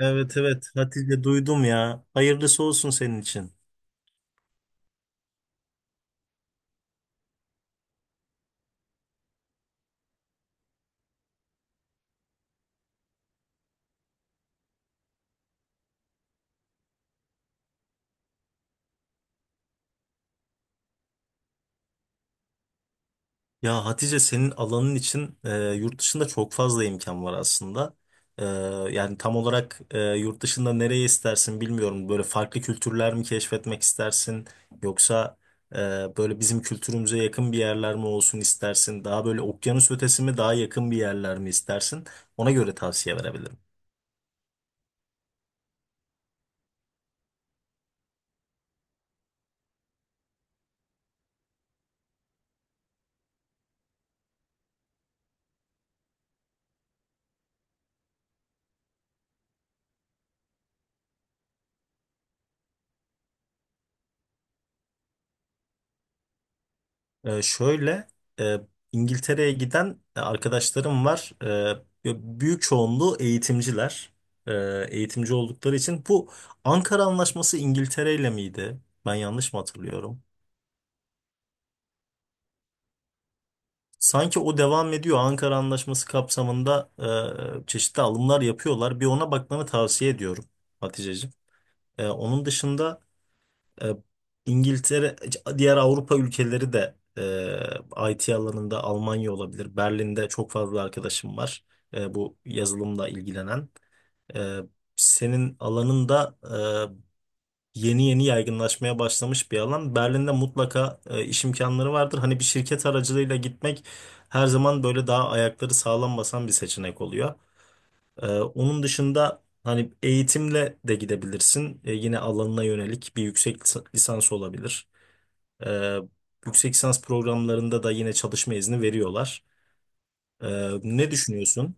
Evet evet Hatice duydum ya. Hayırlısı olsun senin için. Ya Hatice senin alanın için yurt dışında çok fazla imkan var aslında. E, yani tam olarak yurt dışında nereye istersin bilmiyorum. Böyle farklı kültürler mi keşfetmek istersin? Yoksa e, böyle bizim kültürümüze yakın bir yerler mi olsun istersin? Daha böyle okyanus ötesi mi daha yakın bir yerler mi istersin? Ona göre tavsiye verebilirim. Şöyle e, İngiltere'ye giden arkadaşlarım var. Büyük çoğunluğu eğitimciler. Eğitimci oldukları için bu Ankara Anlaşması İngiltere ile miydi? Ben yanlış mı hatırlıyorum? Sanki o devam ediyor. Ankara Anlaşması kapsamında çeşitli alımlar yapıyorlar. Bir ona bakmanı tavsiye ediyorum Haticeciğim. Onun dışında E, İngiltere, diğer Avrupa ülkeleri de IT alanında Almanya olabilir. Berlin'de çok fazla arkadaşım var bu yazılımla ilgilenen. E, senin alanında yeni yeni yaygınlaşmaya başlamış bir alan. Berlin'de mutlaka iş imkanları vardır. Hani bir şirket aracılığıyla gitmek her zaman böyle daha ayakları sağlam basan bir seçenek oluyor. Onun dışında hani eğitimle de gidebilirsin. Yine alanına yönelik bir yüksek lisans olabilir. Ee, yüksek lisans programlarında da yine çalışma izni veriyorlar. Ne düşünüyorsun?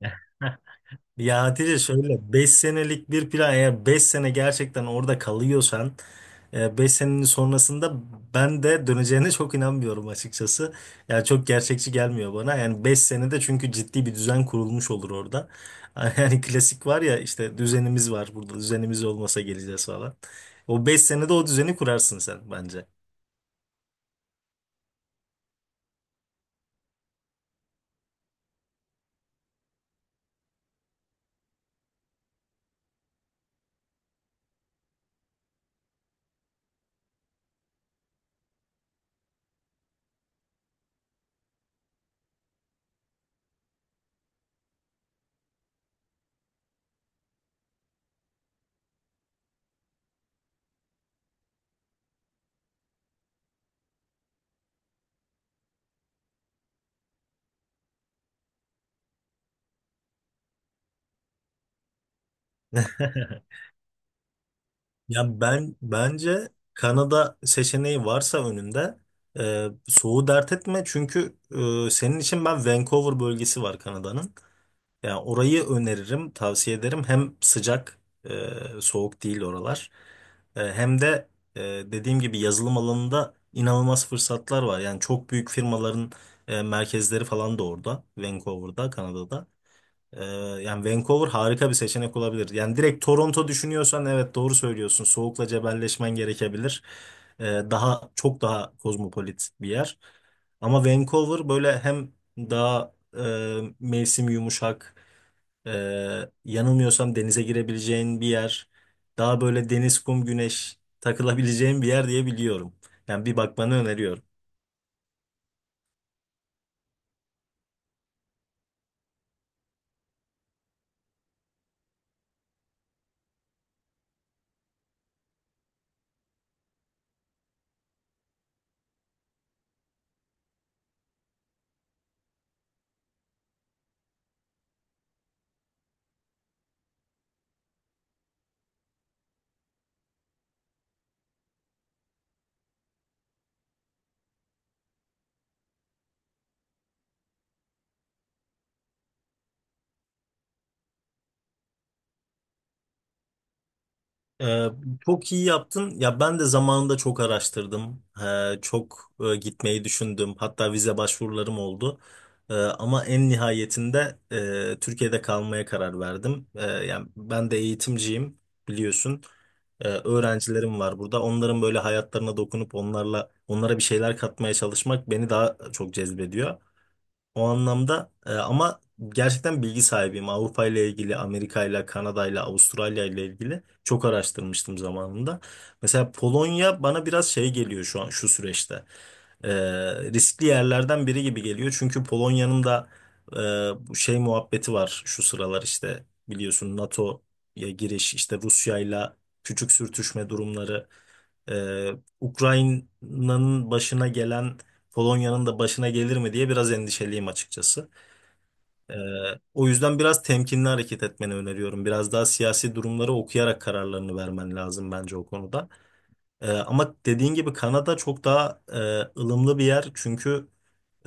Ya Hatice şöyle 5 senelik bir plan, eğer 5 sene gerçekten orada kalıyorsan beş senenin sonrasında ben de döneceğine çok inanmıyorum açıkçası. Yani çok gerçekçi gelmiyor bana. Yani 5 senede çünkü ciddi bir düzen kurulmuş olur orada. Yani klasik var ya, işte düzenimiz var burada, düzenimiz olmasa geleceğiz falan. O 5 senede o düzeni kurarsın sen bence. Ya ben bence Kanada seçeneği varsa önünde soğuğu dert etme, çünkü senin için ben Vancouver bölgesi var Kanada'nın. Yani orayı öneririm, tavsiye ederim. Hem sıcak, soğuk değil oralar. Hem de dediğim gibi yazılım alanında inanılmaz fırsatlar var. Yani çok büyük firmaların merkezleri falan da orada, Vancouver'da, Kanada'da. Ee, yani Vancouver harika bir seçenek olabilir. Yani direkt Toronto düşünüyorsan evet doğru söylüyorsun. Soğukla cebelleşmen gerekebilir. Daha çok daha kozmopolit bir yer. Ama Vancouver böyle hem daha mevsim yumuşak, e, yanılmıyorsam denize girebileceğin bir yer. Daha böyle deniz, kum, güneş takılabileceğin bir yer diye biliyorum. Yani bir bakmanı öneriyorum. Ee, çok iyi yaptın. Ya ben de zamanında çok araştırdım. Çok gitmeyi düşündüm. Hatta vize başvurularım oldu. Ama en nihayetinde Türkiye'de kalmaya karar verdim. Yani ben de eğitimciyim biliyorsun. Öğrencilerim var burada. Onların böyle hayatlarına dokunup onlarla onlara bir şeyler katmaya çalışmak beni daha çok cezbediyor. O anlamda, ama gerçekten bilgi sahibiyim. Avrupa ile ilgili, Amerika ile, Kanada ile, Avustralya ile ilgili çok araştırmıştım zamanında. Mesela Polonya bana biraz şey geliyor şu an şu süreçte. E, riskli yerlerden biri gibi geliyor. Çünkü Polonya'nın da bu şey muhabbeti var şu sıralar, işte biliyorsun, NATO'ya giriş, işte Rusya ile küçük sürtüşme durumları. Ee, Ukrayna'nın başına gelen Polonya'nın da başına gelir mi diye biraz endişeliyim açıkçası. Ee, o yüzden biraz temkinli hareket etmeni öneriyorum. Biraz daha siyasi durumları okuyarak kararlarını vermen lazım bence o konuda. Ama dediğin gibi Kanada çok daha ılımlı bir yer, çünkü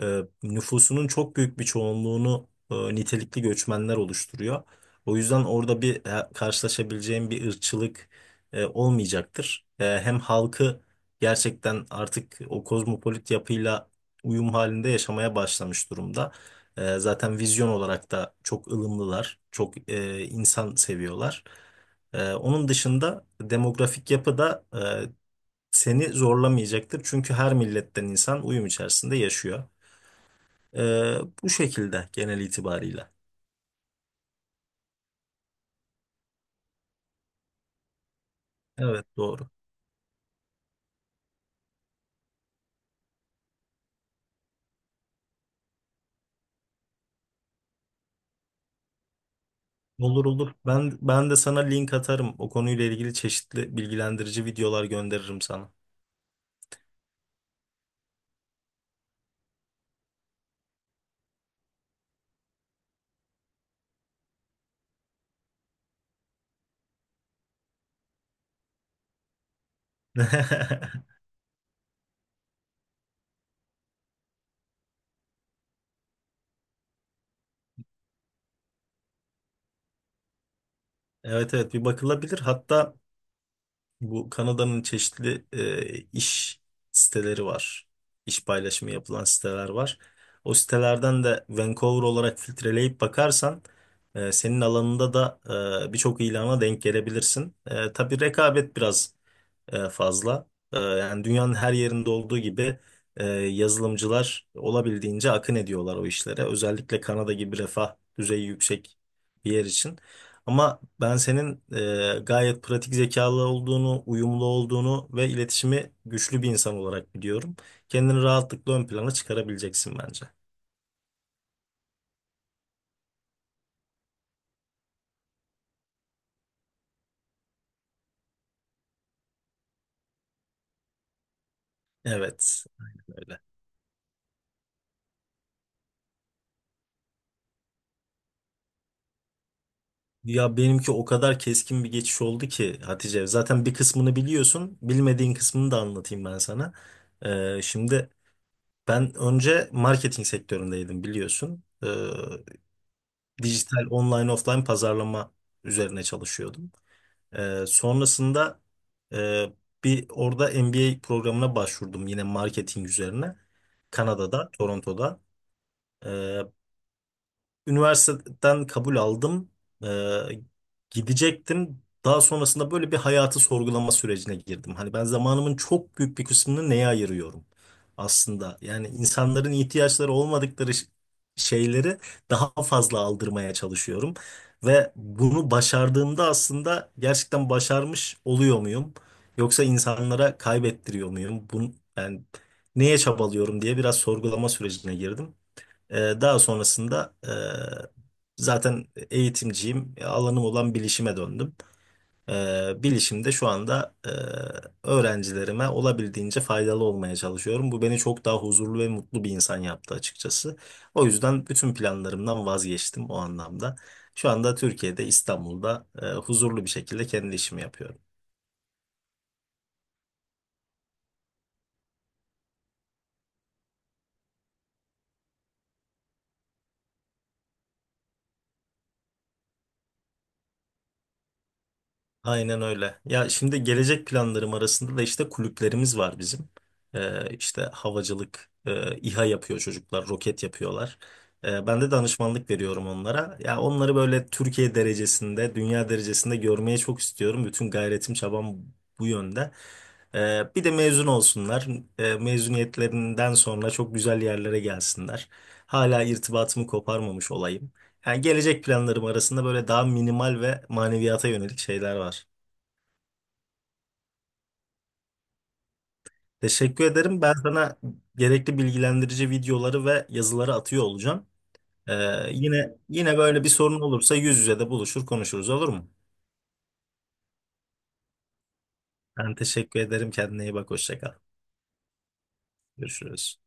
nüfusunun çok büyük bir çoğunluğunu nitelikli göçmenler oluşturuyor. O yüzden orada bir karşılaşabileceğim bir ırkçılık olmayacaktır. Hem halkı gerçekten artık o kozmopolit yapıyla uyum halinde yaşamaya başlamış durumda. Zaten vizyon olarak da çok ılımlılar, çok insan seviyorlar. Onun dışında demografik yapı da seni zorlamayacaktır. Çünkü her milletten insan uyum içerisinde yaşıyor. Bu şekilde genel itibarıyla. Evet doğru. Olur olur. Ben de sana link atarım. O konuyla ilgili çeşitli bilgilendirici videolar gönderirim sana. Evet evet bir bakılabilir. Hatta bu Kanada'nın çeşitli iş siteleri var. İş paylaşımı yapılan siteler var. O sitelerden de Vancouver olarak filtreleyip bakarsan senin alanında da birçok ilana denk gelebilirsin. Tabii rekabet biraz fazla. Yani dünyanın her yerinde olduğu gibi yazılımcılar olabildiğince akın ediyorlar o işlere. Özellikle Kanada gibi refah düzeyi yüksek bir yer için. Ama ben senin gayet pratik zekalı olduğunu, uyumlu olduğunu ve iletişimi güçlü bir insan olarak biliyorum. Kendini rahatlıkla ön plana çıkarabileceksin bence. Evet, aynen öyle. Ya benimki o kadar keskin bir geçiş oldu ki Hatice. Zaten bir kısmını biliyorsun. Bilmediğin kısmını da anlatayım ben sana. Şimdi ben önce marketing sektöründeydim biliyorsun. Dijital online offline pazarlama üzerine çalışıyordum. Sonrasında e, bir orada MBA programına başvurdum yine marketing üzerine. Kanada'da, Toronto'da. Ee, Üniversiteden kabul aldım. Ee, gidecektim. Daha sonrasında böyle bir hayatı sorgulama sürecine girdim. Hani ben zamanımın çok büyük bir kısmını neye ayırıyorum aslında? Yani insanların ihtiyaçları olmadıkları şeyleri daha fazla aldırmaya çalışıyorum. Ve bunu başardığımda aslında gerçekten başarmış oluyor muyum? Yoksa insanlara kaybettiriyor muyum bunu? Yani neye çabalıyorum diye biraz sorgulama sürecine girdim. Ee, daha sonrasında zaten eğitimciyim. Alanım olan bilişime döndüm. Bilişimde şu anda öğrencilerime olabildiğince faydalı olmaya çalışıyorum. Bu beni çok daha huzurlu ve mutlu bir insan yaptı açıkçası. O yüzden bütün planlarımdan vazgeçtim o anlamda. Şu anda Türkiye'de, İstanbul'da huzurlu bir şekilde kendi işimi yapıyorum. Aynen öyle. Ya şimdi gelecek planlarım arasında da işte kulüplerimiz var bizim. İşte havacılık, İHA yapıyor çocuklar, roket yapıyorlar. Ben de danışmanlık veriyorum onlara. Ya onları böyle Türkiye derecesinde, dünya derecesinde görmeye çok istiyorum. Bütün gayretim, çabam bu yönde. Bir de mezun olsunlar. Mezuniyetlerinden sonra çok güzel yerlere gelsinler. Hala irtibatımı koparmamış olayım. Yani gelecek planlarım arasında böyle daha minimal ve maneviyata yönelik şeyler var. Teşekkür ederim. Ben sana gerekli bilgilendirici videoları ve yazıları atıyor olacağım. Ee, yine yine böyle bir sorun olursa yüz yüze de buluşur konuşuruz, olur mu? Ben teşekkür ederim. Kendine iyi bak. Hoşça kal. Görüşürüz.